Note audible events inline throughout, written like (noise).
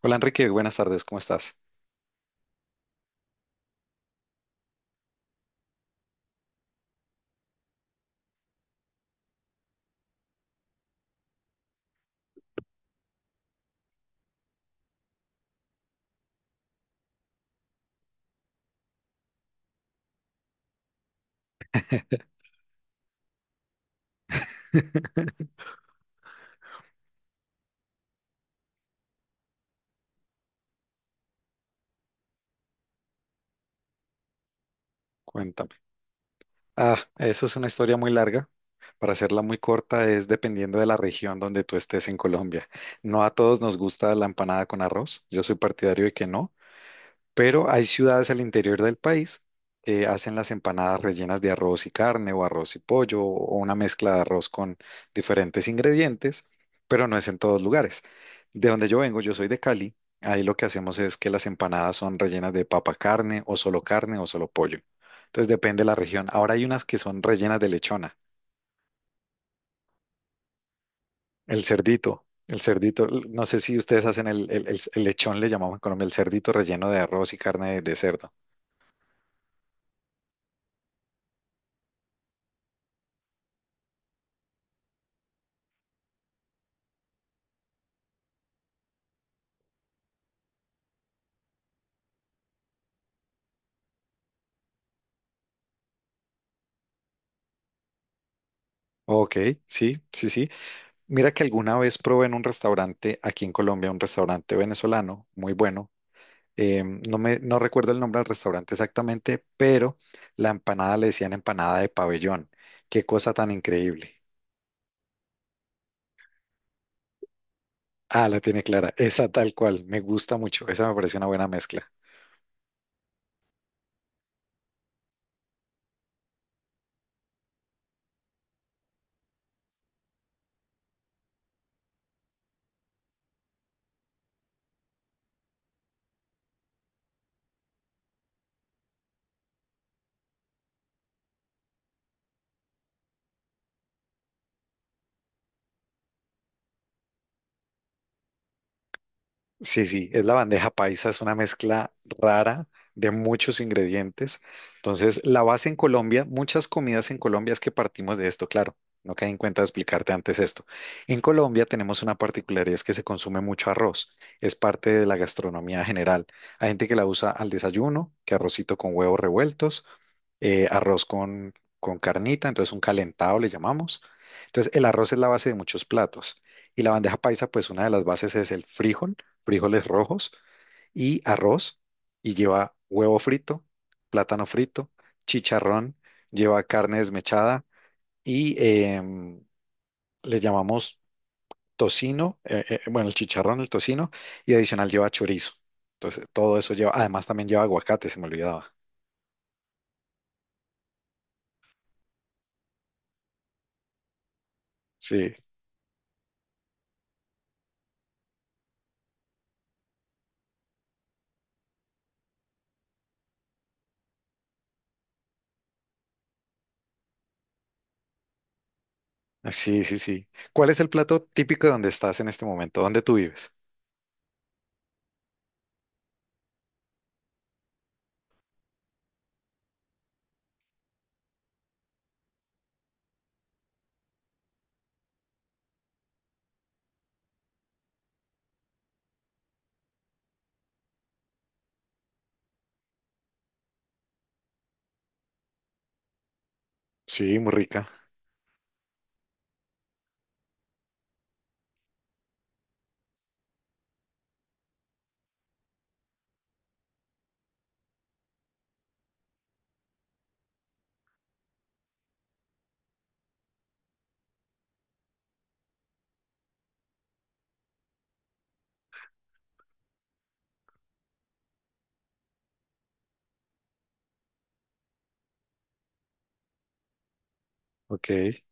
Hola Enrique, buenas tardes, ¿cómo estás? (laughs) Cuéntame. Ah, eso es una historia muy larga. Para hacerla muy corta, es dependiendo de la región donde tú estés en Colombia. No a todos nos gusta la empanada con arroz. Yo soy partidario de que no, pero hay ciudades al interior del país que hacen las empanadas rellenas de arroz y carne o arroz y pollo o una mezcla de arroz con diferentes ingredientes, pero no es en todos lugares. De donde yo vengo, yo soy de Cali, ahí lo que hacemos es que las empanadas son rellenas de papa carne o solo pollo. Entonces depende de la región. Ahora hay unas que son rellenas de lechona, el cerdito. El cerdito, no sé si ustedes hacen el lechón, le llamamos en Colombia, el cerdito relleno de arroz y carne de cerdo. Ok, sí, sí, sí. Mira que alguna vez probé en un restaurante aquí en Colombia, un restaurante venezolano muy bueno. No recuerdo el nombre del restaurante exactamente, pero la empanada le decían empanada de pabellón. Qué cosa tan increíble. Ah, la tiene clara. Esa tal cual. Me gusta mucho. Esa me parece una buena mezcla. Sí, sí, es la bandeja paisa, es una mezcla rara de muchos ingredientes. Entonces, la base en Colombia, muchas comidas en Colombia es que partimos de esto, claro. No caí en cuenta de explicarte antes esto. En Colombia tenemos una particularidad, es que se consume mucho arroz. Es parte de la gastronomía general. Hay gente que la usa al desayuno, que arrocito con huevos revueltos, eh, arroz con, con carnita, entonces un calentado le llamamos. Entonces, el arroz es la base de muchos platos. Y la bandeja paisa, pues una de las bases es el frijol, frijoles rojos y arroz y lleva huevo frito, plátano frito, chicharrón, lleva carne desmechada y le llamamos tocino, bueno, el chicharrón, el tocino y adicional lleva chorizo. Entonces, todo eso lleva, además también lleva aguacate, se me olvidaba. Sí, sí, sí, sí. ¿Cuál es el plato típico de donde estás en este momento? ¿Dónde tú vives? Sí, muy rica. Ok.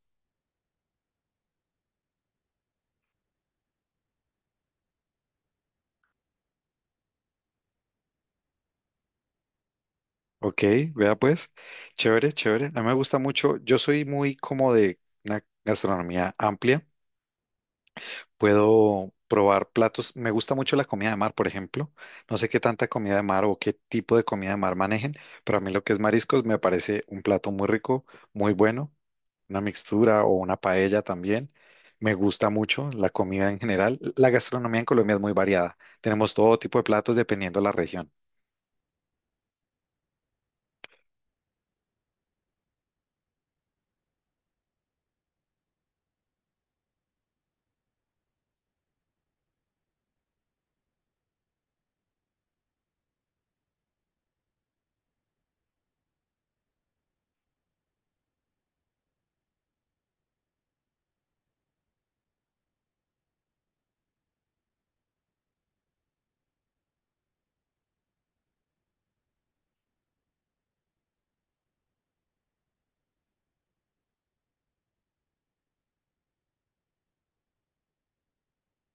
Ok, vea pues, chévere, chévere. A mí me gusta mucho. Yo soy muy como de una gastronomía amplia. Puedo probar platos. Me gusta mucho la comida de mar, por ejemplo. No sé qué tanta comida de mar o qué tipo de comida de mar manejen, pero a mí lo que es mariscos me parece un plato muy rico, muy bueno. Una mixtura o una paella también. Me gusta mucho la comida en general. La gastronomía en Colombia es muy variada. Tenemos todo tipo de platos dependiendo de la región.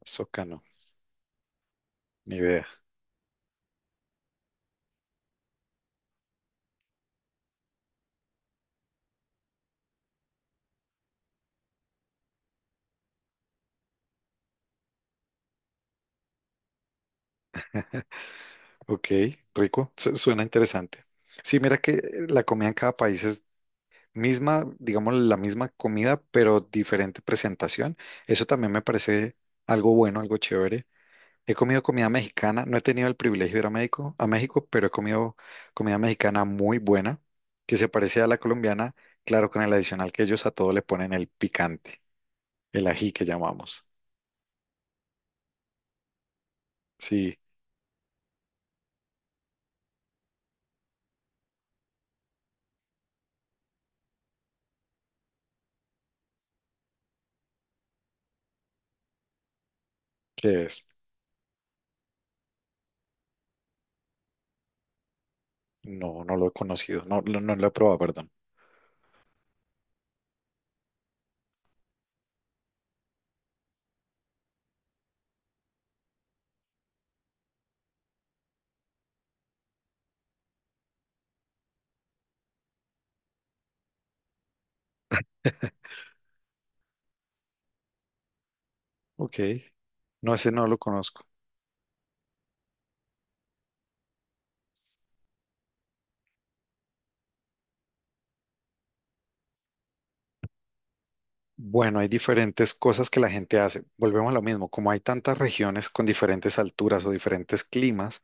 Eso, no, ni idea. Ok, rico, suena interesante. Sí, mira que la comida en cada país es misma, digamos, la misma comida, pero diferente presentación. Eso también me parece algo bueno, algo chévere. He comido comida mexicana, no he tenido el privilegio de ir a México, pero he comido comida mexicana muy buena, que se parece a la colombiana, claro, con el adicional que ellos a todo le ponen el picante, el ají que llamamos. Sí, ¿qué es? No, no lo he conocido, no, no no lo he probado, perdón. Ok, no, ese no lo conozco. Bueno, hay diferentes cosas que la gente hace. Volvemos a lo mismo, como hay tantas regiones con diferentes alturas o diferentes climas,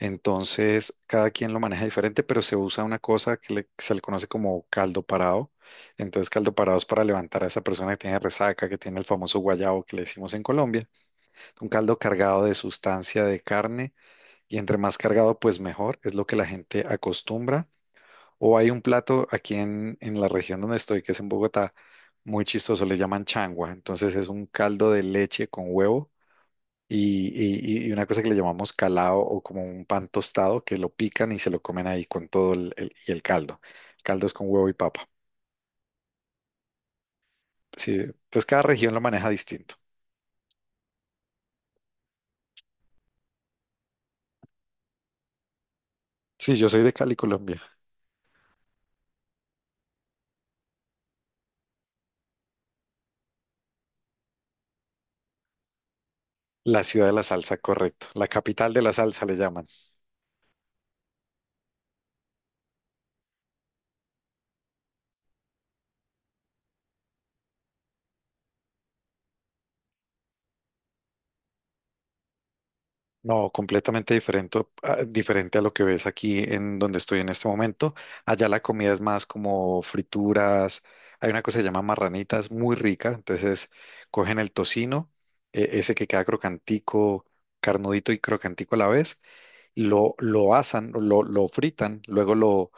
entonces cada quien lo maneja diferente, pero se usa una cosa que se le conoce como caldo parado. Entonces, caldo parado es para levantar a esa persona que tiene resaca, que tiene el famoso guayabo que le decimos en Colombia. Un caldo cargado de sustancia de carne y entre más cargado, pues mejor. Es lo que la gente acostumbra. O hay un plato aquí en la región donde estoy, que es en Bogotá, muy chistoso, le llaman changua. Entonces es un caldo de leche con huevo y, y una cosa que le llamamos calao o como un pan tostado que lo pican y se lo comen ahí con todo y el caldo. El caldo es con huevo y papa. Sí, entonces cada región lo maneja distinto. Sí, yo soy de Cali, Colombia, la ciudad de la salsa, correcto. La capital de la salsa le llaman. No, completamente diferente, ah, diferente a lo que ves aquí en donde estoy en este momento. Allá la comida es más como frituras. Hay una cosa que se llama marranitas, muy rica. Entonces cogen el tocino, ese que queda crocantico, carnudito y crocantico a la vez, lo asan, lo fritan,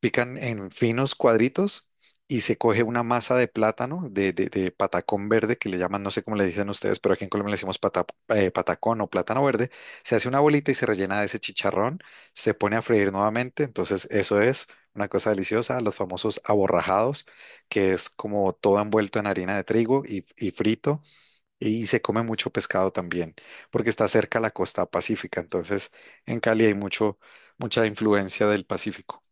pican en finos cuadritos y se coge una masa de plátano, de patacón verde, que le llaman, no sé cómo le dicen ustedes, pero aquí en Colombia le decimos patacón o plátano verde. Se hace una bolita y se rellena de ese chicharrón, se pone a freír nuevamente. Entonces, eso es una cosa deliciosa, los famosos aborrajados, que es como todo envuelto en harina de trigo y frito. Y se come mucho pescado también, porque está cerca a la costa pacífica. Entonces, en Cali hay mucho, mucha influencia del Pacífico.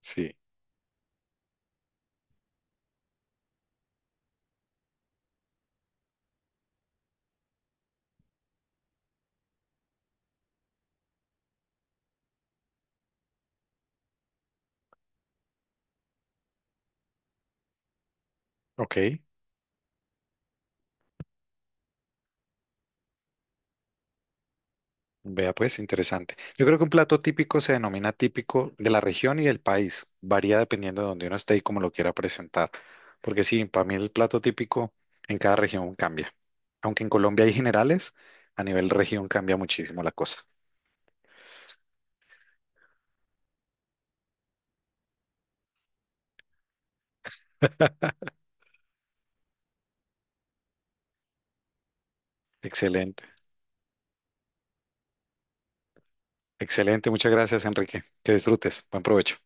Sí. Ok, vea pues, interesante. Yo creo que un plato típico se denomina típico de la región y del país. Varía dependiendo de donde uno esté y cómo lo quiera presentar. Porque sí, para mí el plato típico en cada región cambia. Aunque en Colombia hay generales, a nivel región cambia muchísimo la cosa. Excelente, excelente. Muchas gracias, Enrique. Que disfrutes. Buen provecho.